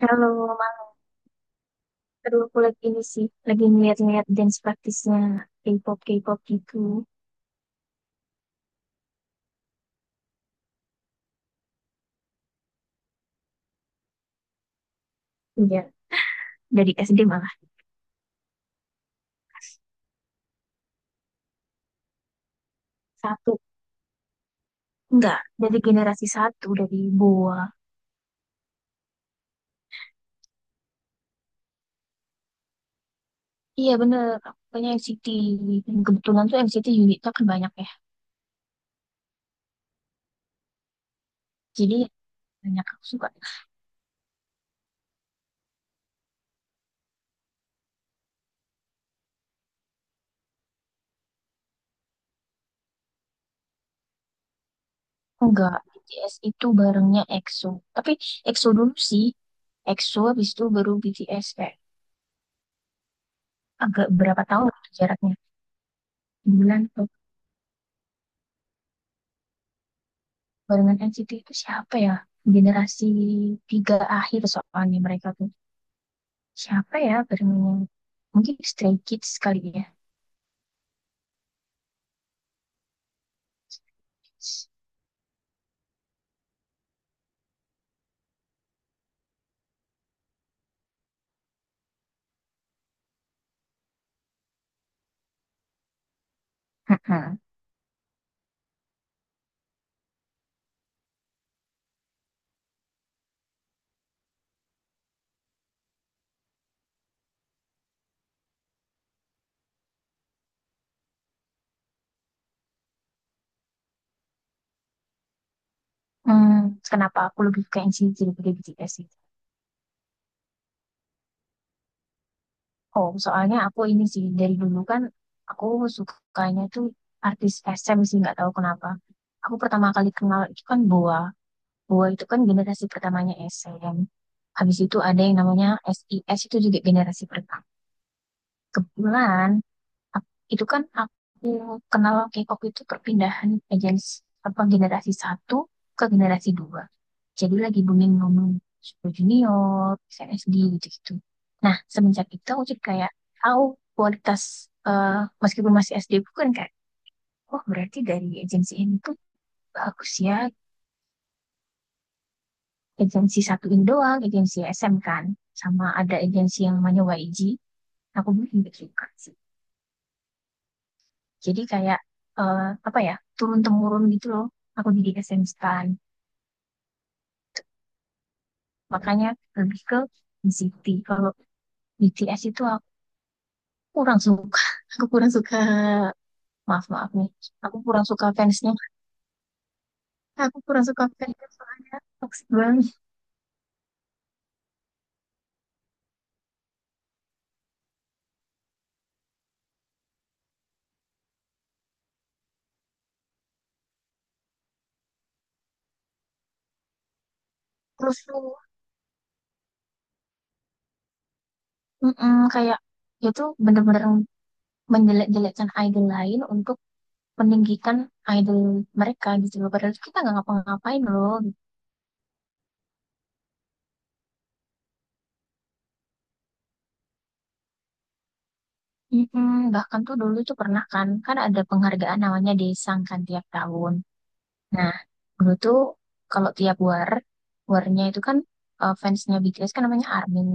Kalau malam, aduh, aku lagi ini sih, lagi ngeliat-ngeliat dance praktisnya K-pop, K-pop gitu. Iya, dari SD malah. Satu, enggak, dari generasi satu, dari BoA. Iya bener, aku punya NCT. Dan kebetulan tuh NCT unitnya kan banyak ya. Jadi banyak aku suka. Enggak, BTS itu barengnya EXO. Tapi EXO dulu sih, EXO habis itu baru BTS kayak agak berapa tahun gitu jaraknya. Bulan atau barengan N C T itu siapa ya? Generasi tiga akhir soalnya mereka tuh. Siapa ya barengannya? Mungkin Stray Kids kali ya. Mm. Hmm, kenapa aku lebih suka N C T daripada BTS sih? Oh, soalnya aku ini sih dari dulu kan aku sukanya tuh artis S M sih nggak tahu kenapa. Aku pertama kali kenal itu kan Boa. Boa itu kan generasi pertamanya S M. Habis itu ada yang namanya S I S itu juga generasi pertama. Kebetulan, itu kan aku kenal K-pop itu perpindahan agensi apa generasi satu ke generasi dua. Jadi lagi booming booming Super Junior, SNSD gitu-gitu. Nah, semenjak itu aku jadi kayak tahu kualitas, eh, meskipun masih SD bukan kayak oh berarti dari agensi ini tuh bagus ya. Agensi satu ini doang, agensi SM kan. Sama ada agensi yang namanya YG. Aku belum juga suka. Jadi kayak, eh, apa ya, turun temurun gitu loh. Aku jadi SM stan. Makanya lebih ke NCT. Kalau BTS itu aku kurang suka. Aku kurang suka. Maaf maaf nih. Aku kurang suka fansnya. Aku kurang suka fansnya soalnya toxic banget. Terus tuh, mm-mm, kayak dia tuh bener-bener menjelek-jelekkan idol lain untuk meninggikan idol mereka gitu loh. Padahal kita nggak ngapa-ngapain loh. Mm-mm, bahkan tuh dulu tuh pernah kan ada penghargaan namanya Desang kan tiap tahun. Nah, dulu tuh kalau tiap war, warnya itu kan, eh, fansnya BTS kan namanya ARMY.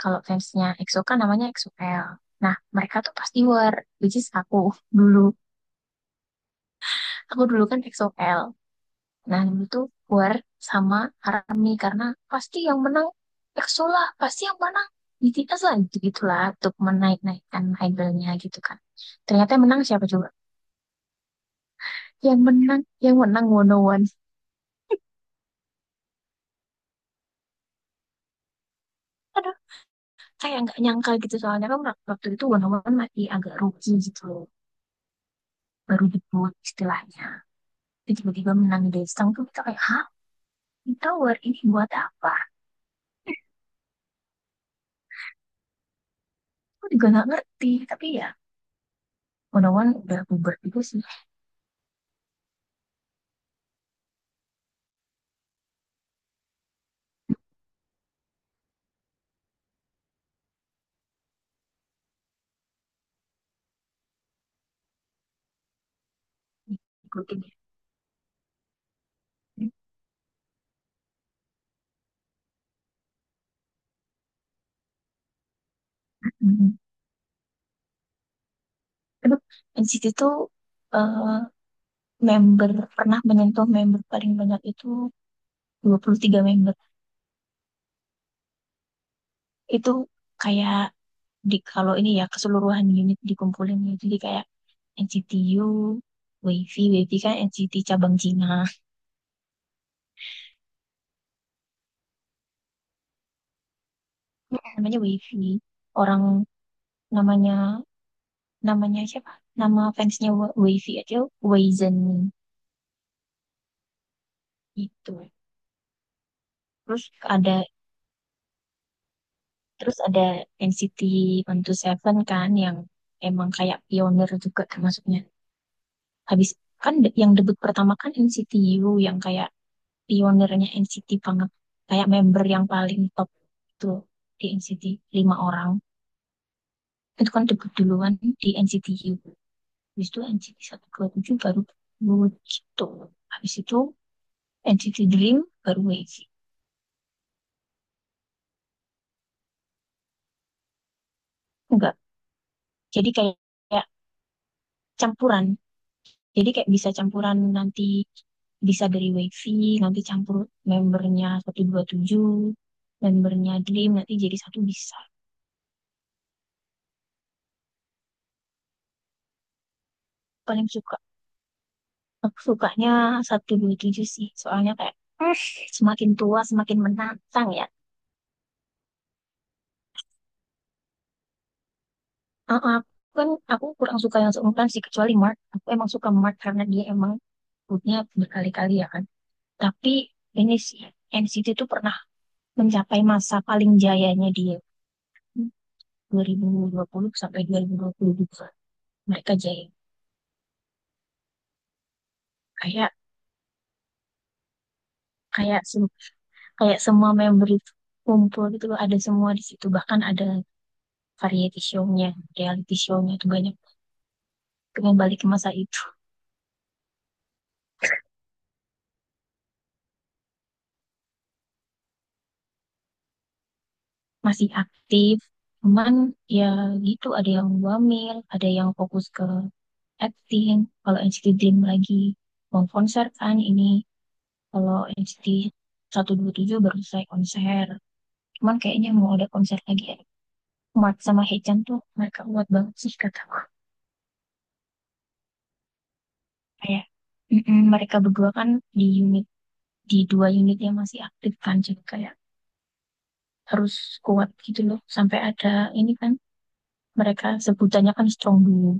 Kalau fansnya EXO kan namanya EXO-L. Nah, mereka tuh pasti war, which is aku dulu. Aku dulu kan EXO-L. Nah, dulu tuh war sama ARMY karena pasti yang menang EXO lah, pasti yang menang BTS lah, gitu-gitulah untuk menaik-naikkan idolnya gitu kan. Ternyata yang menang siapa coba? Yang menang Wono One, aduh, kayak nggak nyangka gitu soalnya kan waktu itu Wono One masih agak rookie gitu loh baru debut istilahnya. Terus tiba-tiba menang Daesung tuh kita kayak hah Twin Tower ini buat apa. Aku juga nggak ngerti tapi ya Wono One udah bubar juga sih. Ikutin ya. Mhm. Aduh, NCT tuh, eh, member pernah menyentuh member paling banyak itu 23 member. Itu kayak di kalau ini ya keseluruhan unit dikumpulin ya jadi kayak NCTU, Wavy. Wavy kan NCT cabang Cina. Namanya Wavy. Orang namanya namanya siapa? Nama fansnya Wavy aja Wazen gitu. Terus ada terus ada NCT 127 kan yang emang kayak pionir juga termasuknya. Habis kan yang debut pertama kan NCTU yang kayak pionirnya NCT banget. Kayak member yang paling top itu di NCT lima orang. Itu kan debut duluan di NCTU habis itu NCT 127 baru Wood gitu habis itu NCT Dream baru Wave. Enggak, jadi kayak campuran. Jadi kayak bisa campuran, nanti bisa dari Wavy nanti campur membernya 127 membernya Dream nanti jadi satu bisa. Paling suka, aku sukanya 127 sih soalnya kayak, "Hmm, semakin tua semakin menantang ya." Ah, ah, aku kan aku kurang suka yang seumuran sih kecuali Mark. Aku emang suka Mark karena dia emang grupnya berkali-kali ya kan. Tapi ini sih NCT itu pernah mencapai masa paling jayanya dia 2020 sampai 2022. Mereka jaya. Kayak kayak sem- kayak semua member itu kumpul gitu loh, ada semua di situ. Bahkan ada variety show-nya, reality show-nya itu banyak kembali ke masa itu. Masih aktif. Cuman ya gitu, ada yang wamil, ada yang fokus ke acting. Kalau NCT Dream lagi mau konser kan ini. Kalau NCT 127 baru selesai konser. Cuman kayaknya mau ada konser lagi ya. Mat sama Haechan tuh mereka kuat banget sih kataku. Kayak, mm-mm, mereka berdua kan di unit di dua unit yang masih aktif kan jadi kayak harus kuat gitu loh sampai ada ini kan mereka sebutannya kan strong duo.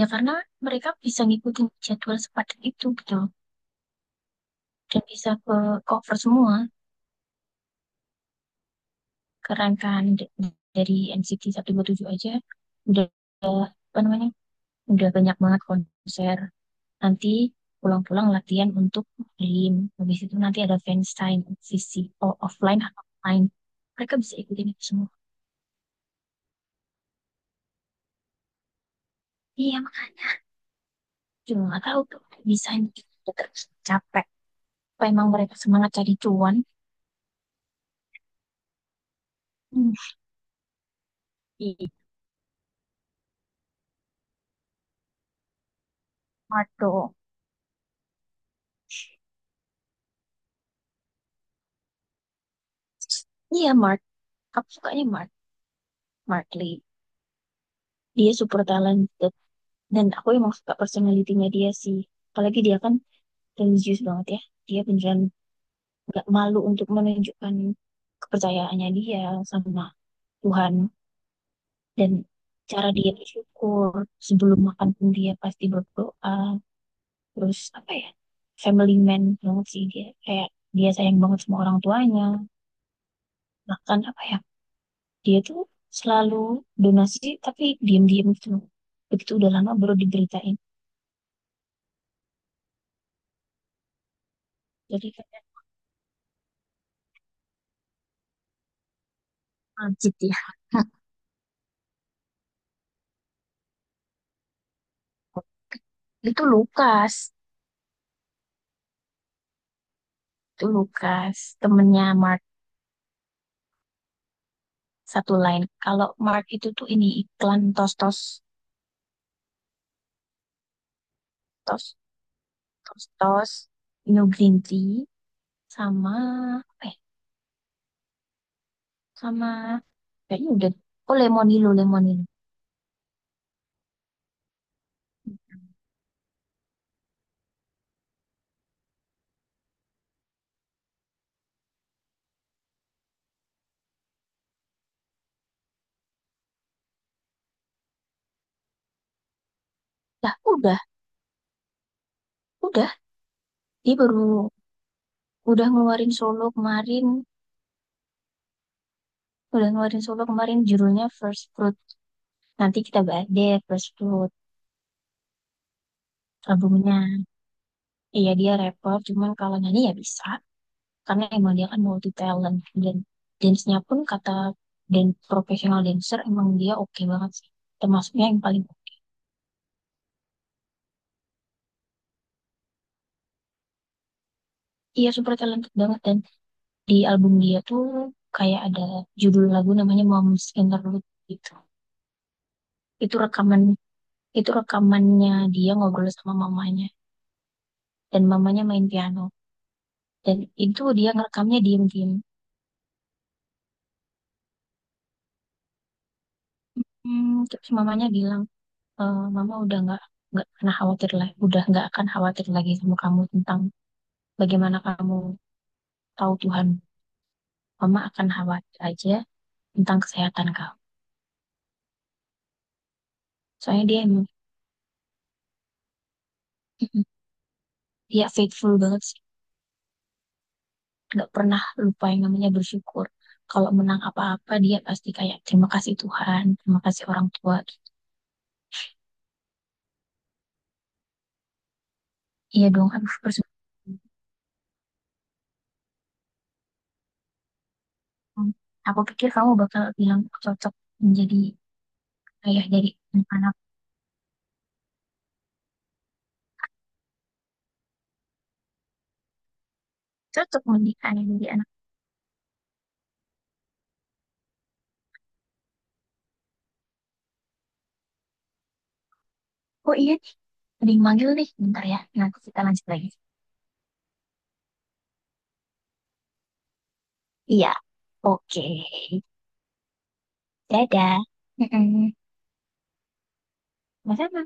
Ya karena mereka bisa ngikutin jadwal sepadat itu gitu dan bisa ke cover semua kerangkaan dari NCT 127 aja udah apa namanya udah banyak banget konser nanti pulang-pulang latihan untuk Dream habis itu nanti ada fans time VCO offline atau online mereka bisa ikutin itu semua. Iya, makanya juga nggak tahu tuh bisa terus capek apa emang mereka semangat cari cuan. Hmm. Iya, Mart dong. Iya Mart, aku sukanya Mart. Martley. Dia super talented dan aku emang suka personalitinya dia sih. Apalagi dia kan religius banget ya. Dia beneran nggak malu untuk menunjukkan kepercayaannya dia sama Tuhan dan cara dia bersyukur sebelum makan pun dia pasti berdoa. Terus apa ya? Family man banget sih dia. Kayak dia sayang banget sama orang tuanya. Bahkan apa ya? Dia tuh selalu donasi tapi diam-diam gitu. Begitu udah lama baru diberitain. Jadi Majid ya. Hmm, itu Lukas. Itu Lukas. Temennya Mark. Satu lain. Kalau Mark itu tuh ini iklan tos-tos. Tos. Tos-tos. New Green Tea. Sama. Apa ya? Sama. Kayaknya udah. Oh Lemonilo. Lemonilo. Lah udah. Udah. Dia baru. Udah ngeluarin solo kemarin. Udah ngeluarin solo kemarin. Judulnya First Fruit. Nanti kita bahas deh First Fruit. Albumnya. Iya dia rapper. Cuman kalau nyanyi ya bisa. Karena emang dia kan multi talent dan dance-nya pun kata, dan profesional dancer emang dia oke banget sih termasuknya yang paling. Iya super talented banget dan di album dia tuh kayak ada judul lagu namanya Mom's Interlude gitu. Itu rekaman itu rekamannya dia ngobrol sama mamanya dan mamanya main piano dan itu dia ngerekamnya diem-diem. Hmm, terus mamanya bilang, e, mama udah nggak pernah khawatir lagi udah nggak akan khawatir lagi sama kamu tentang bagaimana kamu tahu Tuhan mama akan khawatir aja tentang kesehatan kamu. Soalnya dia emang dia faithful banget sih nggak pernah lupa yang namanya bersyukur. Kalau menang apa-apa dia pasti kayak terima kasih Tuhan terima kasih orang tua. Iya dong, aduh, bersyukur. Aku pikir kamu bakal bilang cocok menjadi ayah dari anak cocok menjadi ayah dari anak. Oh iya nih, ada yang manggil nih, bentar ya nanti kita lanjut lagi. Iya, oke. Dadah. Mm-mm. Sama.